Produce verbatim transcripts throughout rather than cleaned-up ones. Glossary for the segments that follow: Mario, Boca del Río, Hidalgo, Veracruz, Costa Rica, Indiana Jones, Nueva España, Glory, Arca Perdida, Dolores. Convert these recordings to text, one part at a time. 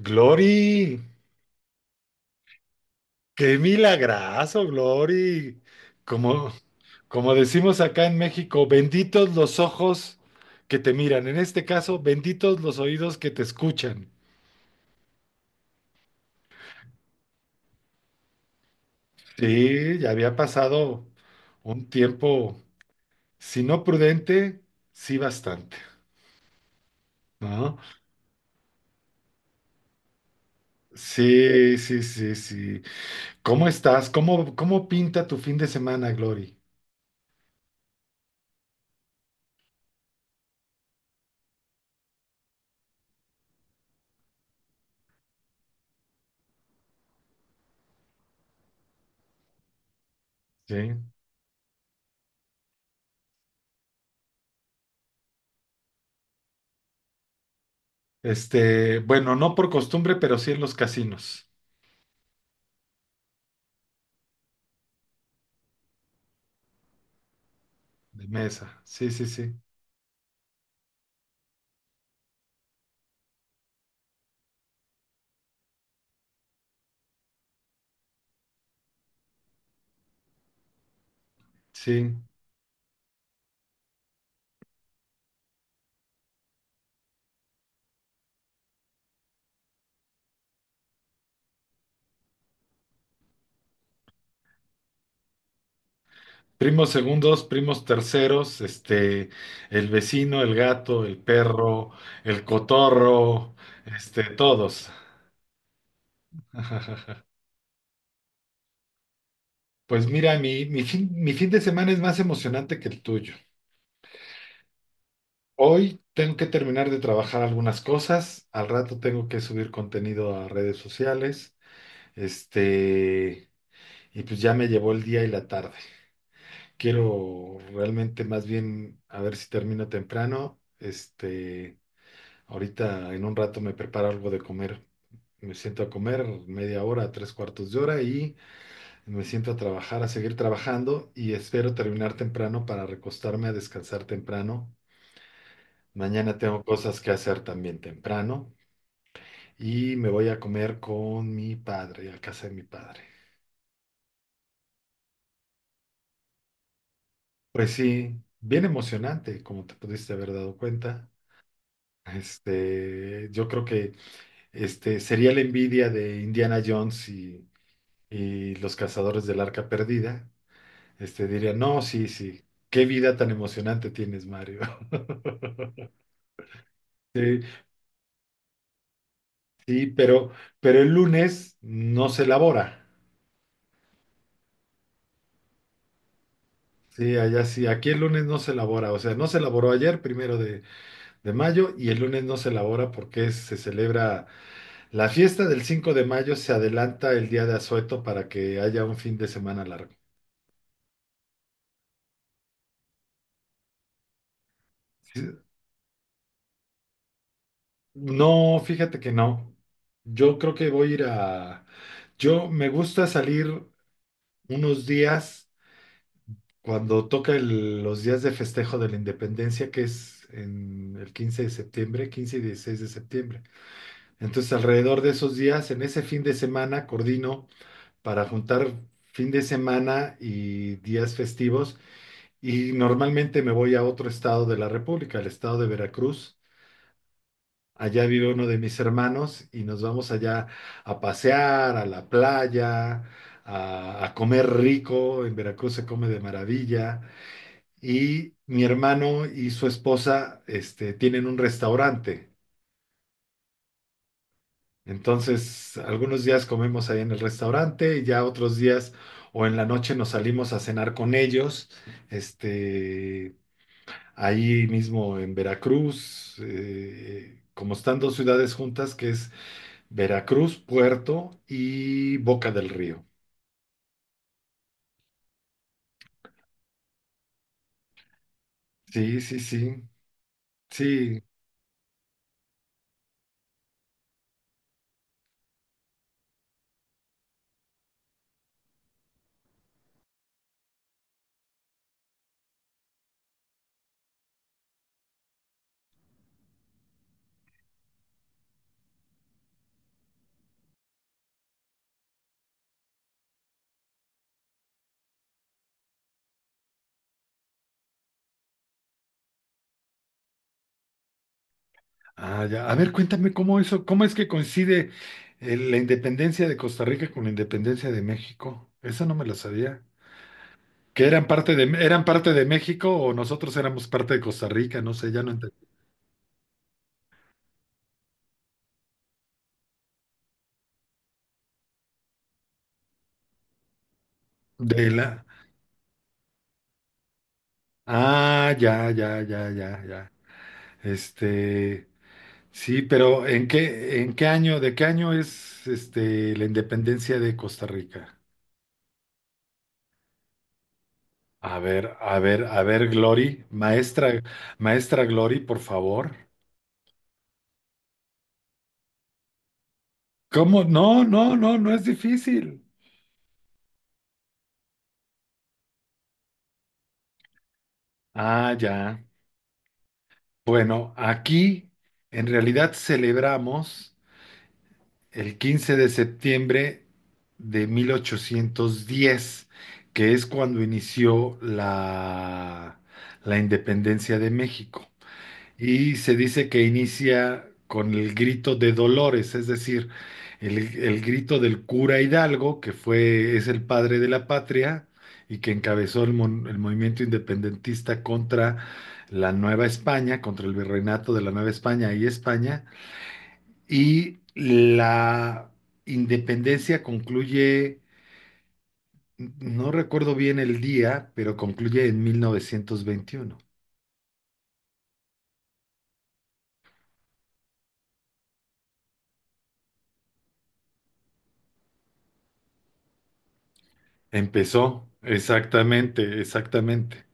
Glory, qué milagrazo, Glory. Como, como decimos acá en México, benditos los ojos que te miran. En este caso, benditos los oídos que te escuchan. Sí, ya había pasado un tiempo, si no prudente, sí bastante, ¿no? Sí, sí, sí, sí. ¿Cómo estás? ¿Cómo, cómo pinta tu fin de semana, Glory? Sí. Este, bueno, no por costumbre, pero sí en los casinos. De mesa, sí, sí, sí, sí. Primos segundos, primos terceros, este, el vecino, el gato, el perro, el cotorro, este, todos. Pues mira, mi, mi fin, mi fin de semana es más emocionante que el tuyo. Hoy tengo que terminar de trabajar algunas cosas, al rato tengo que subir contenido a redes sociales, este, y pues ya me llevó el día y la tarde. Quiero realmente más bien a ver si termino temprano. Este, ahorita en un rato me preparo algo de comer. Me siento a comer media hora, tres cuartos de hora y me siento a trabajar, a seguir trabajando y espero terminar temprano para recostarme a descansar temprano. Mañana tengo cosas que hacer también temprano y me voy a comer con mi padre, a casa de mi padre. Pues sí, bien emocionante, como te pudiste haber dado cuenta. Este, yo creo que Este, sería la envidia de Indiana Jones y, y los cazadores del Arca Perdida. Este, diría, no, sí, sí, qué vida tan emocionante tienes, Mario. Sí, sí, pero, pero el lunes no se elabora. Sí, allá sí, aquí el lunes no se elabora. O sea, no se elaboró ayer, primero de, de mayo, y el lunes no se elabora porque es- se celebra la fiesta del cinco de mayo, se adelanta el día de Asueto para que haya un fin de semana largo. Sí, no, fíjate que no. Yo creo que voy a ir a... Yo me gusta salir unos días cuando toca el- los días de festejo de la independencia, que es en el quince de septiembre, quince y dieciséis de septiembre. Entonces, alrededor de esos días, en ese fin de semana, coordino para juntar fin de semana y días festivos. Y normalmente me voy a otro estado de la República, el estado de Veracruz. Allá vive uno de mis hermanos y nos vamos allá a pasear, a la playa, a, a comer rico. En Veracruz se come de maravilla. Y mi hermano y su esposa, este, tienen un restaurante. Entonces, algunos días comemos ahí en el restaurante y ya otros días o en la noche nos salimos a cenar con ellos, este, ahí mismo en Veracruz, eh, como están dos ciudades juntas, que es Veracruz, Puerto y Boca del Río. Sí, sí, sí, sí. Ah, ya. A ver, cuéntame cómo eso, cómo es que coincide eh, la independencia de Costa Rica con la independencia de México. Esa no me la sabía. ¿Que eran parte de, eran parte de México o nosotros éramos parte de Costa Rica? No sé, ya no entendí. De la. Ah, ya, ya, ya, ya, ya. Este, sí, pero ¿en qué, en qué año, de qué año es este la independencia de Costa Rica? A ver, a ver, a ver, Glory, maestra, maestra Glory, por favor. ¿Cómo? No, no, no, no es difícil. Ah, ya. Bueno, aquí en realidad celebramos el quince de septiembre de mil ochocientos diez, que es cuando inició la, la independencia de México. Y se dice que inicia con el grito de Dolores, es decir, el, el grito del cura Hidalgo, que fue, es el padre de la patria y que encabezó el, mon- el movimiento independentista contra la Nueva España, contra el virreinato de la Nueva España y España. Y la independencia concluye, no recuerdo bien el día, pero concluye en mil novecientos veintiuno. Empezó, exactamente, exactamente.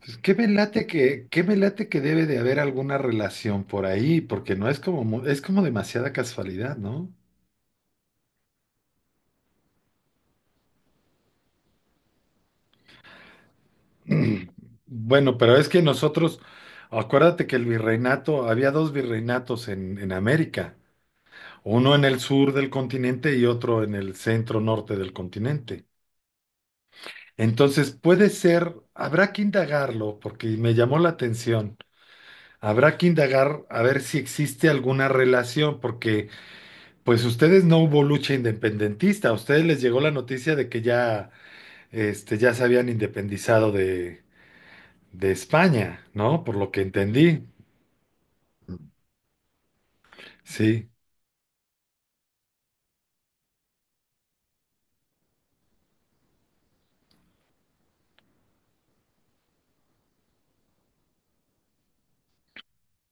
Pues qué me late que, qué me late que debe de haber alguna relación por ahí, porque no es como, mu- es como demasiada casualidad, ¿no? Bueno, pero es que nosotros, acuérdate que el virreinato, había dos virreinatos en, en América, uno en el sur del continente y otro en el centro norte del continente. Entonces puede ser, habrá que indagarlo, porque me llamó la atención, habrá que indagar a ver si existe alguna relación, porque Pues ustedes no hubo lucha independentista, a ustedes les llegó la noticia de que ya, este, ya se habían independizado de, de España, ¿no? Por lo que entendí. Sí,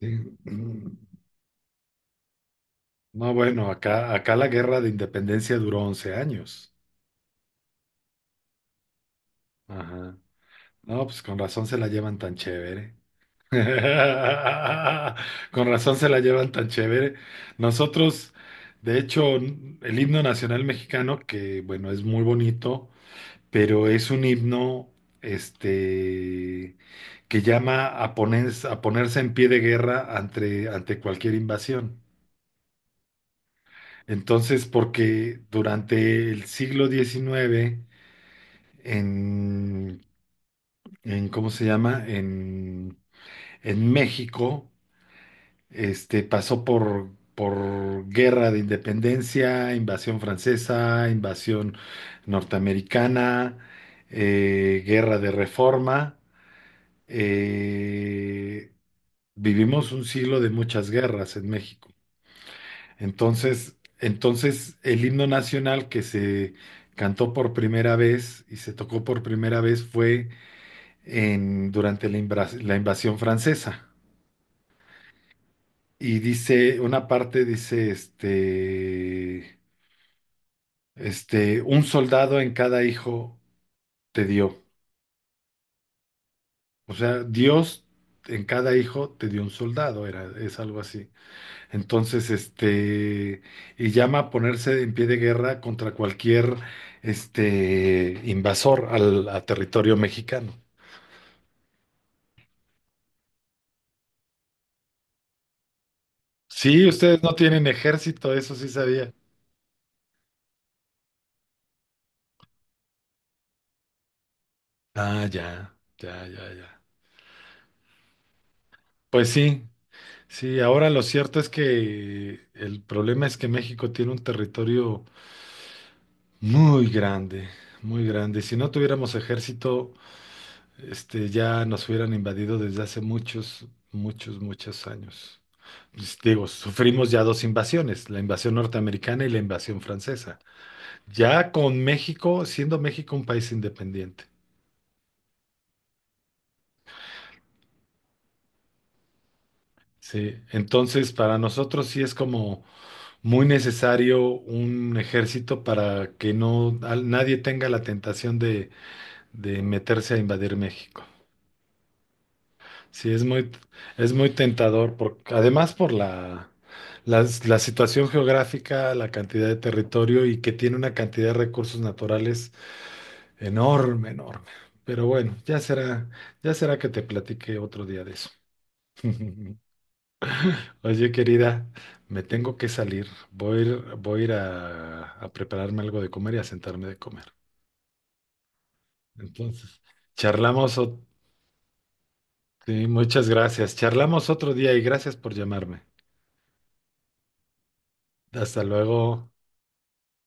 sí. No, bueno, acá, acá la guerra de independencia duró once años. Ajá. No, pues con razón se la llevan tan chévere. Con razón se la llevan tan chévere. Nosotros, de hecho, el himno nacional mexicano, que bueno, es muy bonito. Pero es un himno este, que llama a, pones- a ponerse en pie de guerra ante, ante cualquier invasión. Entonces, porque durante el siglo diecinueve, en, en ¿cómo se llama? En, en México, este, pasó por, por guerra de independencia, invasión francesa, invasión norteamericana, eh, guerra de reforma. eh, vivimos un siglo de muchas guerras en México. Entonces, entonces el himno nacional que se cantó por primera vez y se tocó por primera vez fue en, durante la, invas- la invasión francesa. Y dice, una parte dice, este, este, un soldado en cada hijo te dio. O sea, Dios en cada hijo te dio un soldado, era, es algo así. Entonces, este, y llama a ponerse en pie de guerra contra cualquier, este, invasor al a territorio mexicano. Sí, ustedes no tienen ejército, eso sí sabía. Ah, ya, ya, ya, ya. Pues sí, sí, ahora lo cierto es que el problema es que México tiene un territorio muy grande, muy grande. Si no tuviéramos ejército, Este, ya nos hubieran invadido desde hace muchos, muchos, muchos años. Pues, digo, sufrimos ya dos invasiones, la invasión norteamericana y la invasión francesa. Ya con México, siendo México un país independiente. Sí, entonces para nosotros sí es como muy necesario un ejército para que no al- nadie tenga la tentación de, de meterse a invadir México. Sí, es muy, es muy tentador, por- además por la, las- la situación geográfica, la cantidad de territorio y que tiene una cantidad de recursos naturales enorme, enorme. Pero bueno, ya será, ya será que te platique otro día de eso. Oye, querida, me tengo que salir. Voy, a ir- voy a ir a, a prepararme algo de comer y a sentarme de comer. Entonces, charlamos, ot- sí, muchas gracias. Charlamos otro día y gracias por llamarme. Hasta luego.